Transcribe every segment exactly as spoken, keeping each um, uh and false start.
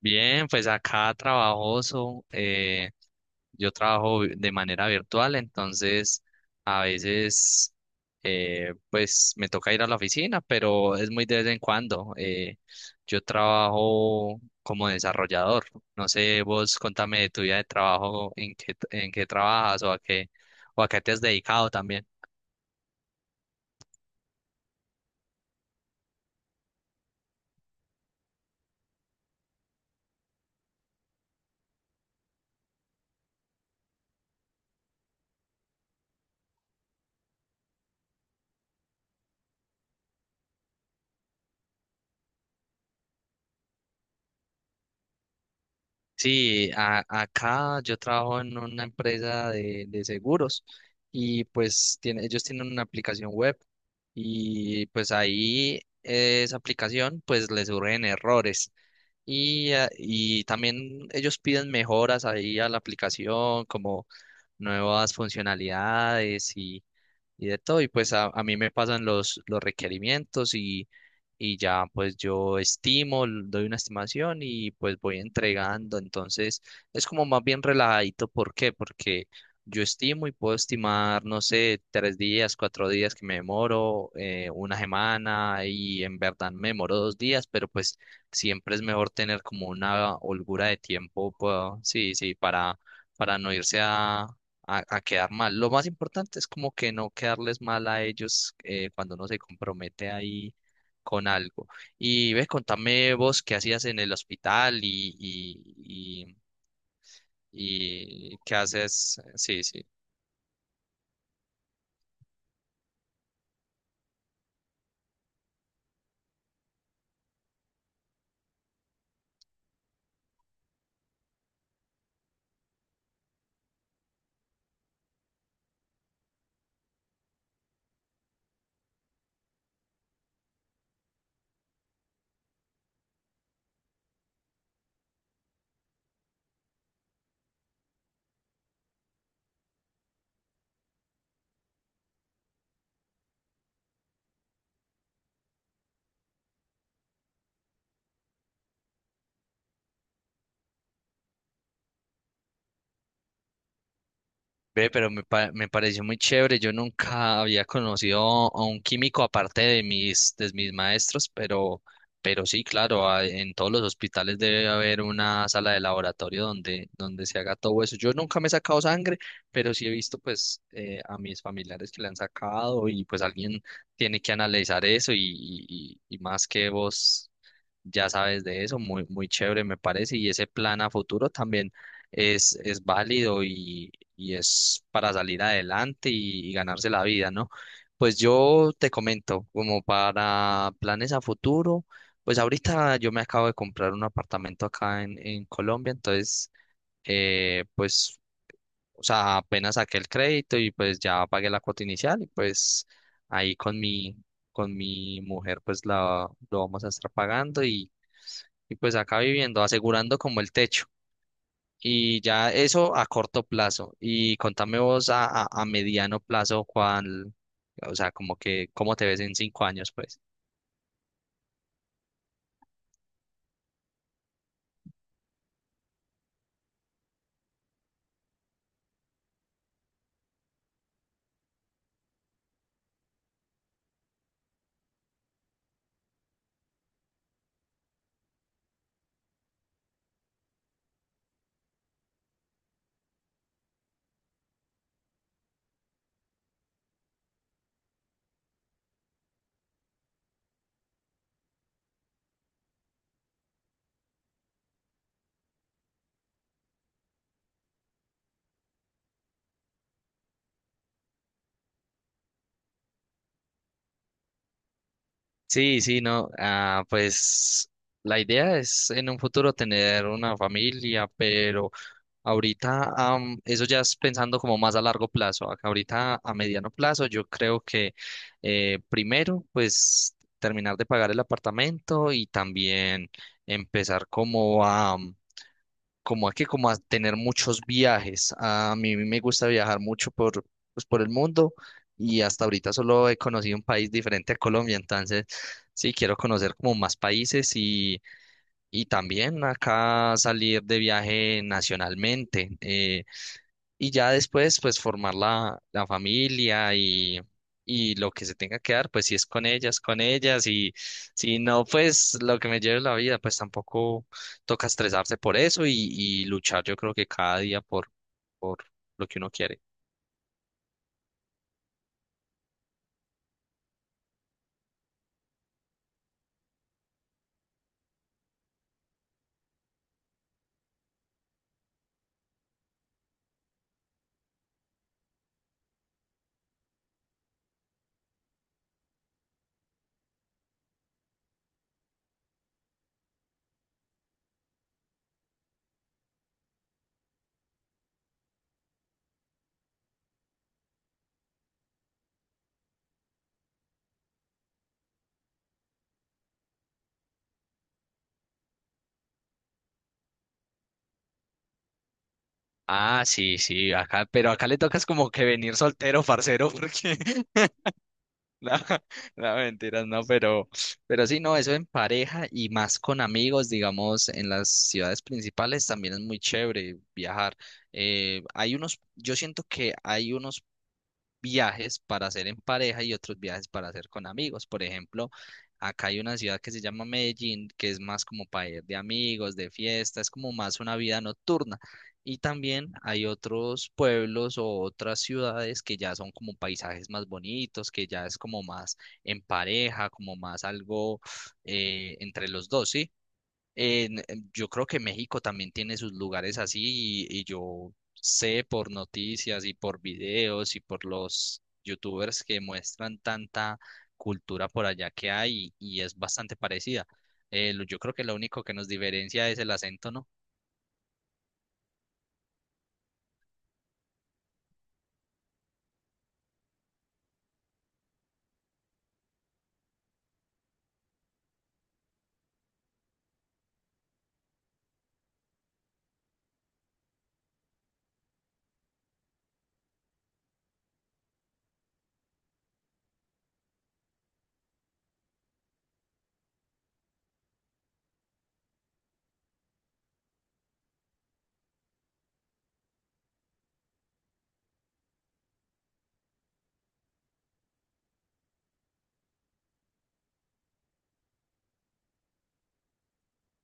Bien, pues acá trabajoso, eh, yo trabajo vi- de manera virtual, entonces a veces eh, pues me toca ir a la oficina, pero es muy de vez en cuando. Eh, yo trabajo como desarrollador. No sé, vos contame de tu vida de trabajo, en qué, en qué trabajas o a qué, o a qué te has dedicado también. Sí, a- acá yo trabajo en una empresa de, de seguros y pues tiene, ellos tienen una aplicación web y pues ahí eh, esa aplicación pues les surgen errores y, ah, y también ellos piden mejoras ahí a la aplicación como nuevas funcionalidades y de todo. Y pues a, a mí me pasan los, los requerimientos y, y ya pues yo estimo, l- doy una estimación y pues voy entregando. Entonces es como más bien relajadito. ¿Por qué? Porque yo estimo y puedo estimar, no sé, tres días, cuatro días que me demoro, eh, una semana y en verdad me demoro dos días, pero pues siempre es mejor tener como una holgura de tiempo, puedo- sí, sí, para, para no irse a a, a quedar mal. Lo más importante es como que no quedarles mal a ellos eh, cuando uno se compromete ahí con algo. Y ve, contame vos qué hacías en el hospital y, y, y, y qué haces. Sí, sí. Ve, pero me, pa- me pareció muy chévere. Yo nunca había conocido a un químico aparte de mis, de mis maestros, pero, pero sí, claro, a- en todos los hospitales debe haber una sala de laboratorio donde, donde se haga todo eso. Yo nunca me he sacado sangre, pero sí he visto pues eh, a mis familiares que le han sacado y pues alguien tiene que analizar eso y, y, y y más que vos ya sabes de eso, muy, muy chévere me parece y ese plan a futuro también es, es válido y es para salir adelante y, y ganarse la vida, ¿no? Pues yo te comento, como para planes a futuro, pues ahorita yo me acabo de comprar un apartamento acá en, en Colombia, entonces, eh, pues, o sea, apenas saqué el crédito y pues ya pagué la cuota inicial y pues ahí con mi, con mi mujer pues la, lo vamos a estar pagando y, y pues acá viviendo, asegurando como el techo. Y ya eso a corto plazo. Y contame vos a, a, a mediano plazo, cuál, o sea, como que, ¿cómo te ves en cinco años, pues? Sí, sí, no. Ah, pues la idea es en un futuro tener una familia, pero ahorita am, eso ya es pensando como más a largo plazo. Acá ahorita a mediano plazo yo creo que eh, primero pues terminar de pagar el apartamento y también empezar como a... am, como a que como a tener muchos viajes. A mí me gusta viajar mucho por, pues, por el mundo y hasta ahorita solo he conocido un país diferente a Colombia, entonces sí, quiero conocer como más países y, y también acá salir de viaje nacionalmente. Eh, y ya después, pues formar la, la familia y, y lo que se tenga que dar, pues si es con ellas, con ellas. Y si no, pues lo que me lleve la vida, pues tampoco toca estresarse por eso y, y luchar yo creo que cada día por, por lo que uno quiere. Ah, sí, sí, acá, pero acá le tocas como que venir soltero, parcero, porque no, no, mentiras, no, pero, pero sí, no, eso en pareja y más con amigos, digamos, en las ciudades principales también es muy chévere viajar. Eh, hay unos, yo siento que hay unos viajes para hacer en pareja y otros viajes para hacer con amigos. Por ejemplo, acá hay una ciudad que se llama Medellín, que es más como para ir de amigos, de fiesta, es como más una vida nocturna. Y también hay otros pueblos o otras ciudades que ya son como paisajes más bonitos, que ya es como más en pareja, como más algo eh, entre los dos, ¿sí? En- en- yo creo que México también tiene sus lugares así y, y yo sé por noticias y por videos y por los youtubers que muestran tanta cultura por allá que hay y, es bastante parecida. Eh, lo- yo creo que lo único que nos diferencia es el acento, ¿no?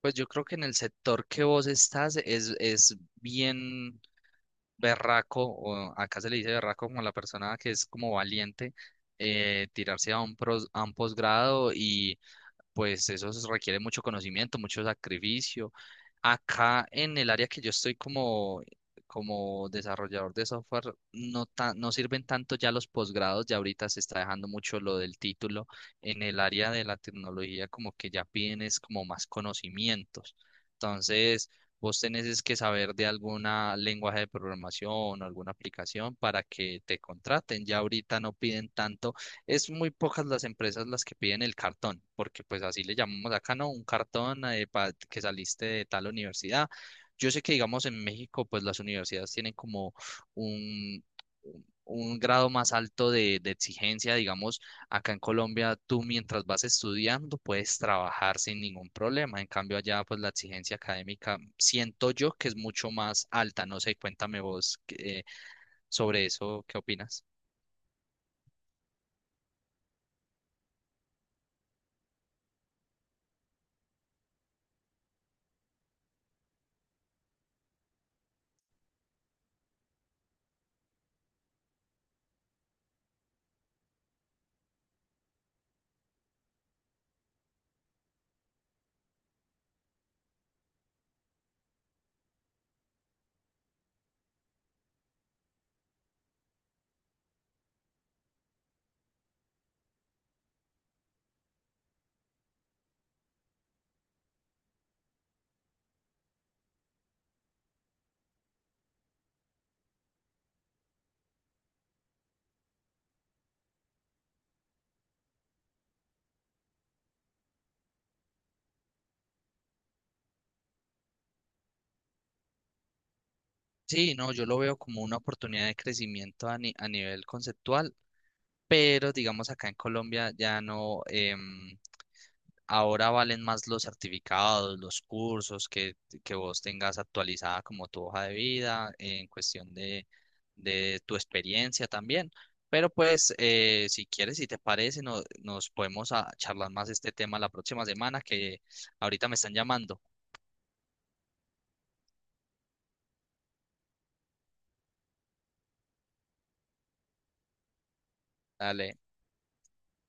Pues yo creo que en el sector que vos estás es, es bien berraco, o acá se le dice berraco como a la persona que es como valiente, eh, tirarse a un, pros- a un posgrado y pues eso se requiere mucho conocimiento, mucho sacrificio. Acá en el área que yo estoy como, como desarrollador de software, no, ta- no sirven tanto ya los posgrados, ya ahorita se está dejando mucho lo del título. En el área de la tecnología como que ya piden es como más conocimientos. Entonces, vos tenés es que saber de alguna lenguaje de programación o alguna aplicación para que te contraten. Ya ahorita no piden tanto. Es muy pocas las empresas las que piden el cartón, porque pues así le llamamos acá, ¿no? Un cartón eh, pa- que saliste de tal universidad. Yo sé que, digamos, en México, pues las universidades tienen como un, un grado más alto de, de exigencia, digamos, acá en Colombia, tú mientras vas estudiando puedes trabajar sin ningún problema. En cambio, allá pues la exigencia académica siento yo que es mucho más alta. No sé, cuéntame vos eh, sobre eso, ¿qué opinas? Sí, no, yo lo veo como una oportunidad de crecimiento a, ni- a nivel conceptual, pero digamos acá en Colombia ya no, em, ahora valen más los certificados, los cursos que, que vos tengas actualizada como tu hoja de vida en cuestión de, de tu experiencia también. Pero pues eh, si quieres, si te parece, no- nos podemos ah, charlar más este tema la próxima semana que ahorita me están llamando. Dale.